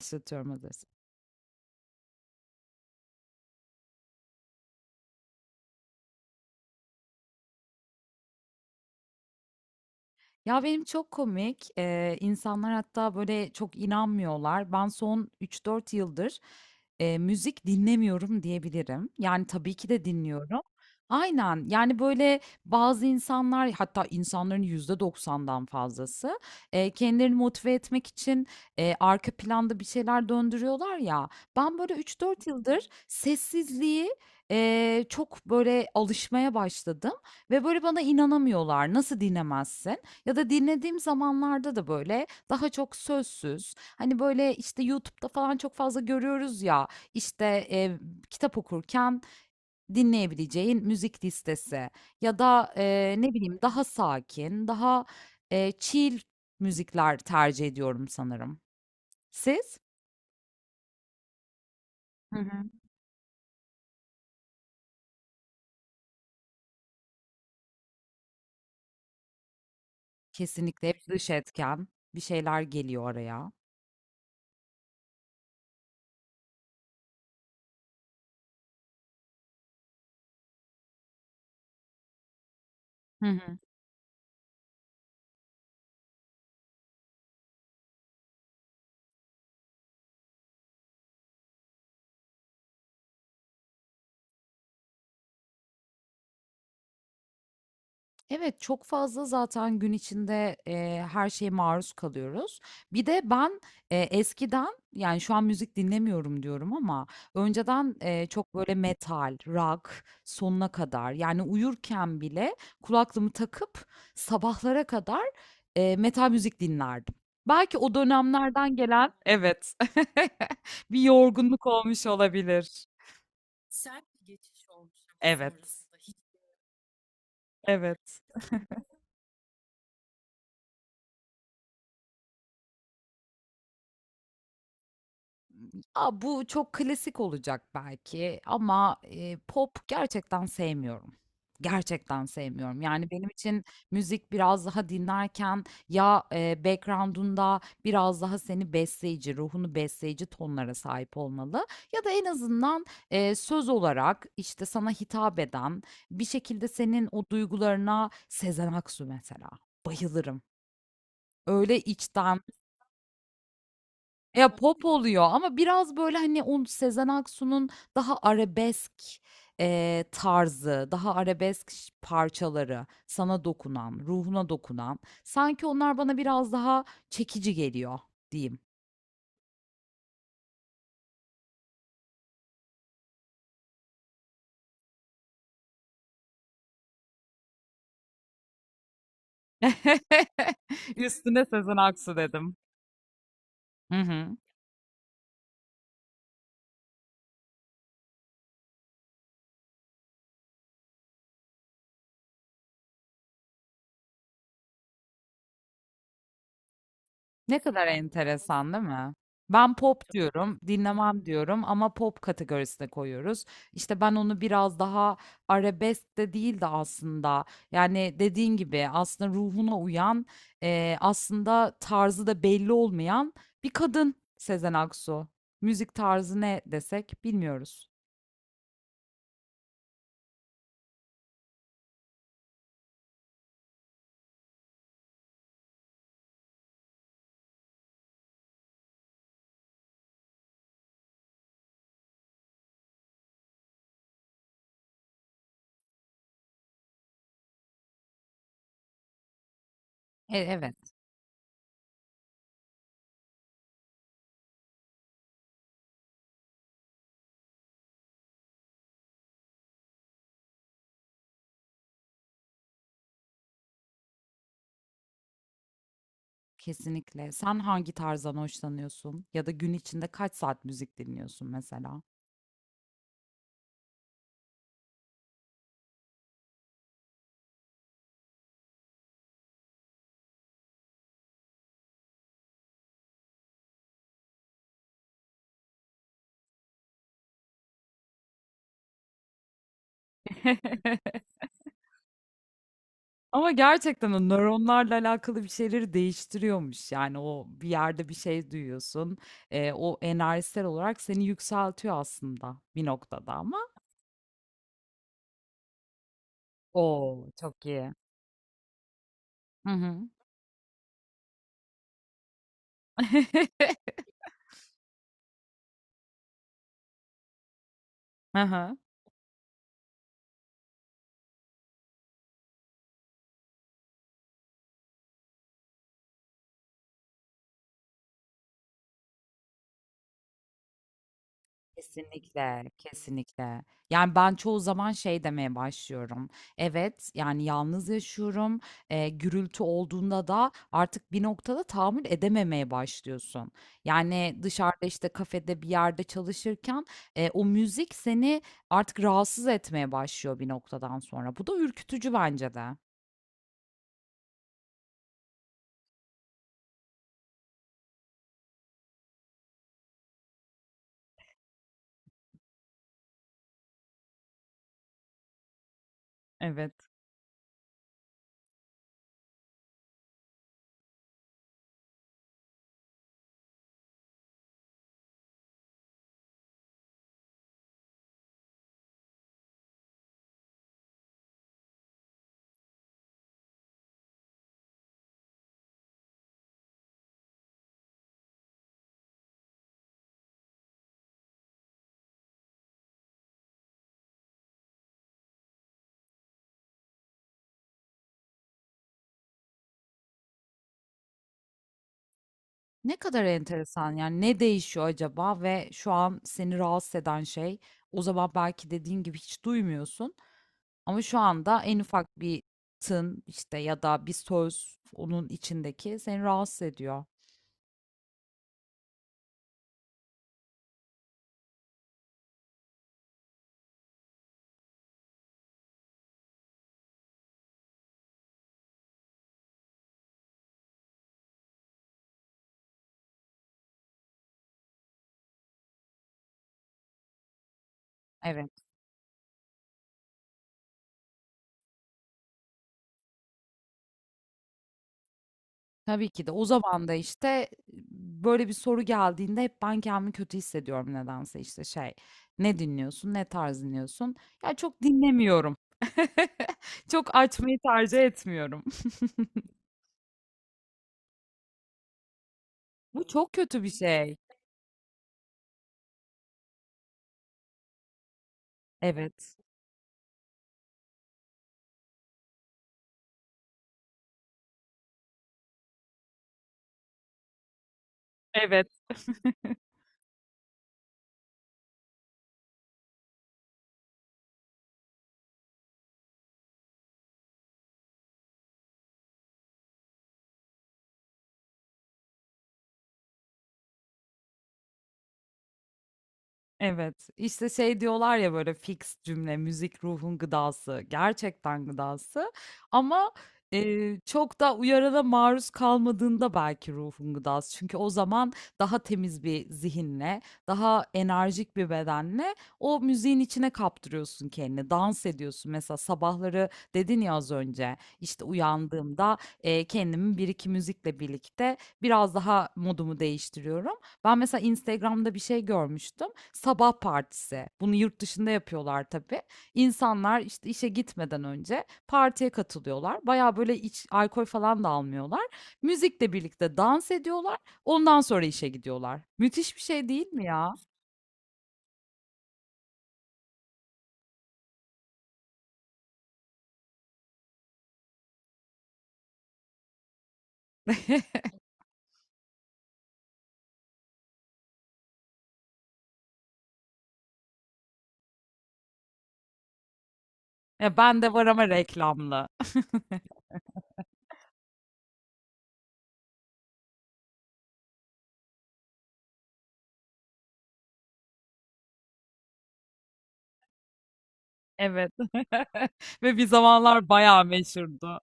Başlatıyorum hazırsan. Ya, benim çok komik. İnsanlar hatta, böyle, çok inanmıyorlar. Ben son 3-4 yıldır, müzik dinlemiyorum diyebilirim. Yani, tabii ki de dinliyorum. Aynen. Yani, böyle, bazı insanlar, hatta insanların %90'dan fazlası, kendilerini motive etmek için, arka planda bir şeyler döndürüyorlar ya. Ben, böyle, 3-4 yıldır sessizliği, çok, böyle, alışmaya başladım ve, böyle, bana inanamıyorlar. "Nasıl dinlemezsin?" Ya da dinlediğim zamanlarda da böyle daha çok sözsüz. Hani böyle işte YouTube'da falan çok fazla görüyoruz ya işte e, kitap okurken dinleyebileceğin müzik listesi ya da ne bileyim daha sakin, daha chill müzikler tercih ediyorum sanırım. Siz? Hı hı. Kesinlikle hep dış etken bir şeyler geliyor araya. Hı hı. Evet, çok fazla zaten gün içinde, her şeye maruz kalıyoruz. Bir de ben, eskiden, yani, şu an müzik dinlemiyorum diyorum ama önceden, çok böyle metal, rock sonuna kadar, yani, uyurken bile kulaklığımı takıp sabahlara kadar, metal müzik dinlerdim. Belki o dönemlerden gelen, evet, bir yorgunluk olmuş olabilir. Evet, evet. A, bu çok klasik olacak belki ama, pop gerçekten sevmiyorum. Gerçekten sevmiyorum. Yani, benim için müzik biraz daha dinlerken ya, background'unda biraz daha seni besleyici, ruhunu besleyici tonlara sahip olmalı ya da en azından, söz olarak, işte, sana hitap eden, bir şekilde senin o duygularına Sezen Aksu mesela, bayılırım. Öyle içten ya, pop oluyor ama biraz, böyle, hani, o Sezen Aksu'nun daha arabesk, tarzı, daha arabesk parçaları, sana dokunan, ruhuna dokunan, sanki onlar bana biraz daha çekici geliyor diyeyim. Üstüne Sezen Aksu dedim. Hı hı. Ne kadar enteresan değil mi? Ben pop diyorum, dinlemem diyorum ama pop kategorisine koyuyoruz. İşte ben onu biraz daha arabesk de değil de aslında yani dediğin gibi aslında ruhuna uyan aslında tarzı da belli olmayan bir kadın Sezen Aksu. Müzik tarzı ne desek bilmiyoruz. E, evet, kesinlikle. Sen hangi tarzdan hoşlanıyorsun ya da gün içinde kaç saat müzik dinliyorsun mesela? Ama gerçekten o nöronlarla alakalı bir şeyleri değiştiriyormuş. Yani o bir yerde bir şey duyuyorsun. O enerjisel olarak seni yükseltiyor aslında bir noktada ama. Oo, çok iyi. Hı hı. Aha. Kesinlikle, kesinlikle. Yani ben çoğu zaman şey demeye başlıyorum. Evet, yani yalnız yaşıyorum. Gürültü olduğunda da artık bir noktada tahammül edememeye başlıyorsun. Yani dışarıda işte kafede bir yerde çalışırken o müzik seni artık rahatsız etmeye başlıyor bir noktadan sonra. Bu da ürkütücü bence de. Evet. Ne kadar enteresan yani ne değişiyor acaba ve şu an seni rahatsız eden şey o zaman belki dediğin gibi hiç duymuyorsun. Ama şu anda en ufak bir tın işte ya da bir söz onun içindeki seni rahatsız ediyor. Evet. Tabii ki de. O zaman da, işte, böyle bir soru geldiğinde hep ben kendimi kötü hissediyorum nedense. İşte şey, "Ne dinliyorsun? Ne tarz dinliyorsun?" Ya, çok dinlemiyorum. Çok açmayı tercih etmiyorum. Bu çok kötü bir şey. Evet. Evet. Evet, işte şey diyorlar ya böyle fix cümle, müzik ruhun gıdası, gerçekten gıdası ama çok da uyarana maruz kalmadığında belki ruhun gıdası. Çünkü o zaman daha temiz bir zihinle, daha enerjik bir bedenle o müziğin içine kaptırıyorsun kendini, dans ediyorsun. Mesela sabahları dedin ya az önce, işte uyandığımda kendimi bir iki müzikle birlikte biraz daha modumu değiştiriyorum. Ben mesela Instagram'da bir şey görmüştüm sabah partisi. Bunu yurt dışında yapıyorlar tabii. İnsanlar işte işe gitmeden önce partiye katılıyorlar. Baya böyle iç alkol falan da almıyorlar. Müzikle birlikte dans ediyorlar. Ondan sonra işe gidiyorlar. Müthiş bir şey değil mi ya? Ya ben de var ama reklamlı. Evet. Ve bir zamanlar bayağı meşhurdu.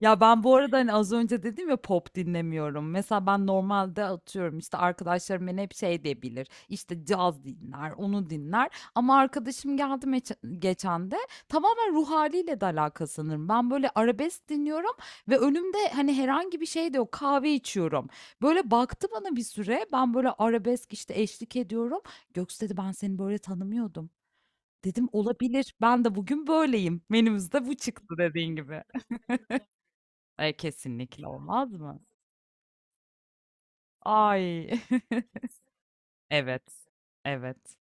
Ya ben bu arada hani az önce dedim ya pop dinlemiyorum. Mesela ben normalde atıyorum işte arkadaşlarım beni hep şey diyebilir. İşte caz dinler, onu dinler. Ama arkadaşım geldi geçen de tamamen ruh haliyle de alakalı sanırım. Ben böyle arabesk dinliyorum ve önümde hani herhangi bir şey de yok. Kahve içiyorum. Böyle baktı bana bir süre. Ben böyle arabesk işte eşlik ediyorum. Göksu dedi ben seni böyle tanımıyordum. Dedim olabilir. Ben de bugün böyleyim. Menümüzde bu çıktı dediğin gibi. E, kesinlikle olmaz mı? Ay. Evet. Evet.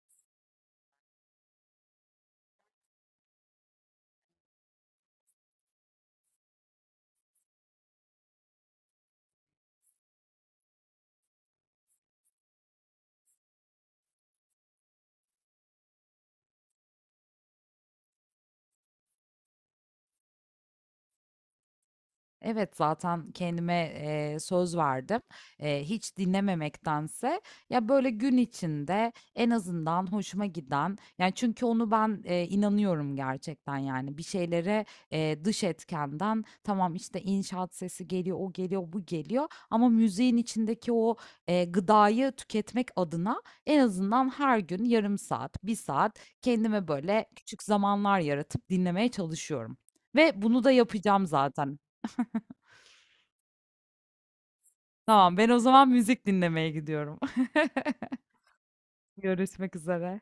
Evet, zaten kendime, söz verdim. Hiç dinlememektense ya, böyle, gün içinde en azından hoşuma giden, yani, çünkü onu ben, inanıyorum gerçekten, yani, bir şeylere, dış etkenden tamam, işte, inşaat sesi geliyor, o geliyor, bu geliyor ama müziğin içindeki o, gıdayı tüketmek adına en azından her gün yarım saat, bir saat kendime, böyle, küçük zamanlar yaratıp dinlemeye çalışıyorum ve bunu da yapacağım zaten. Tamam, ben o zaman müzik dinlemeye gidiyorum. Görüşmek üzere.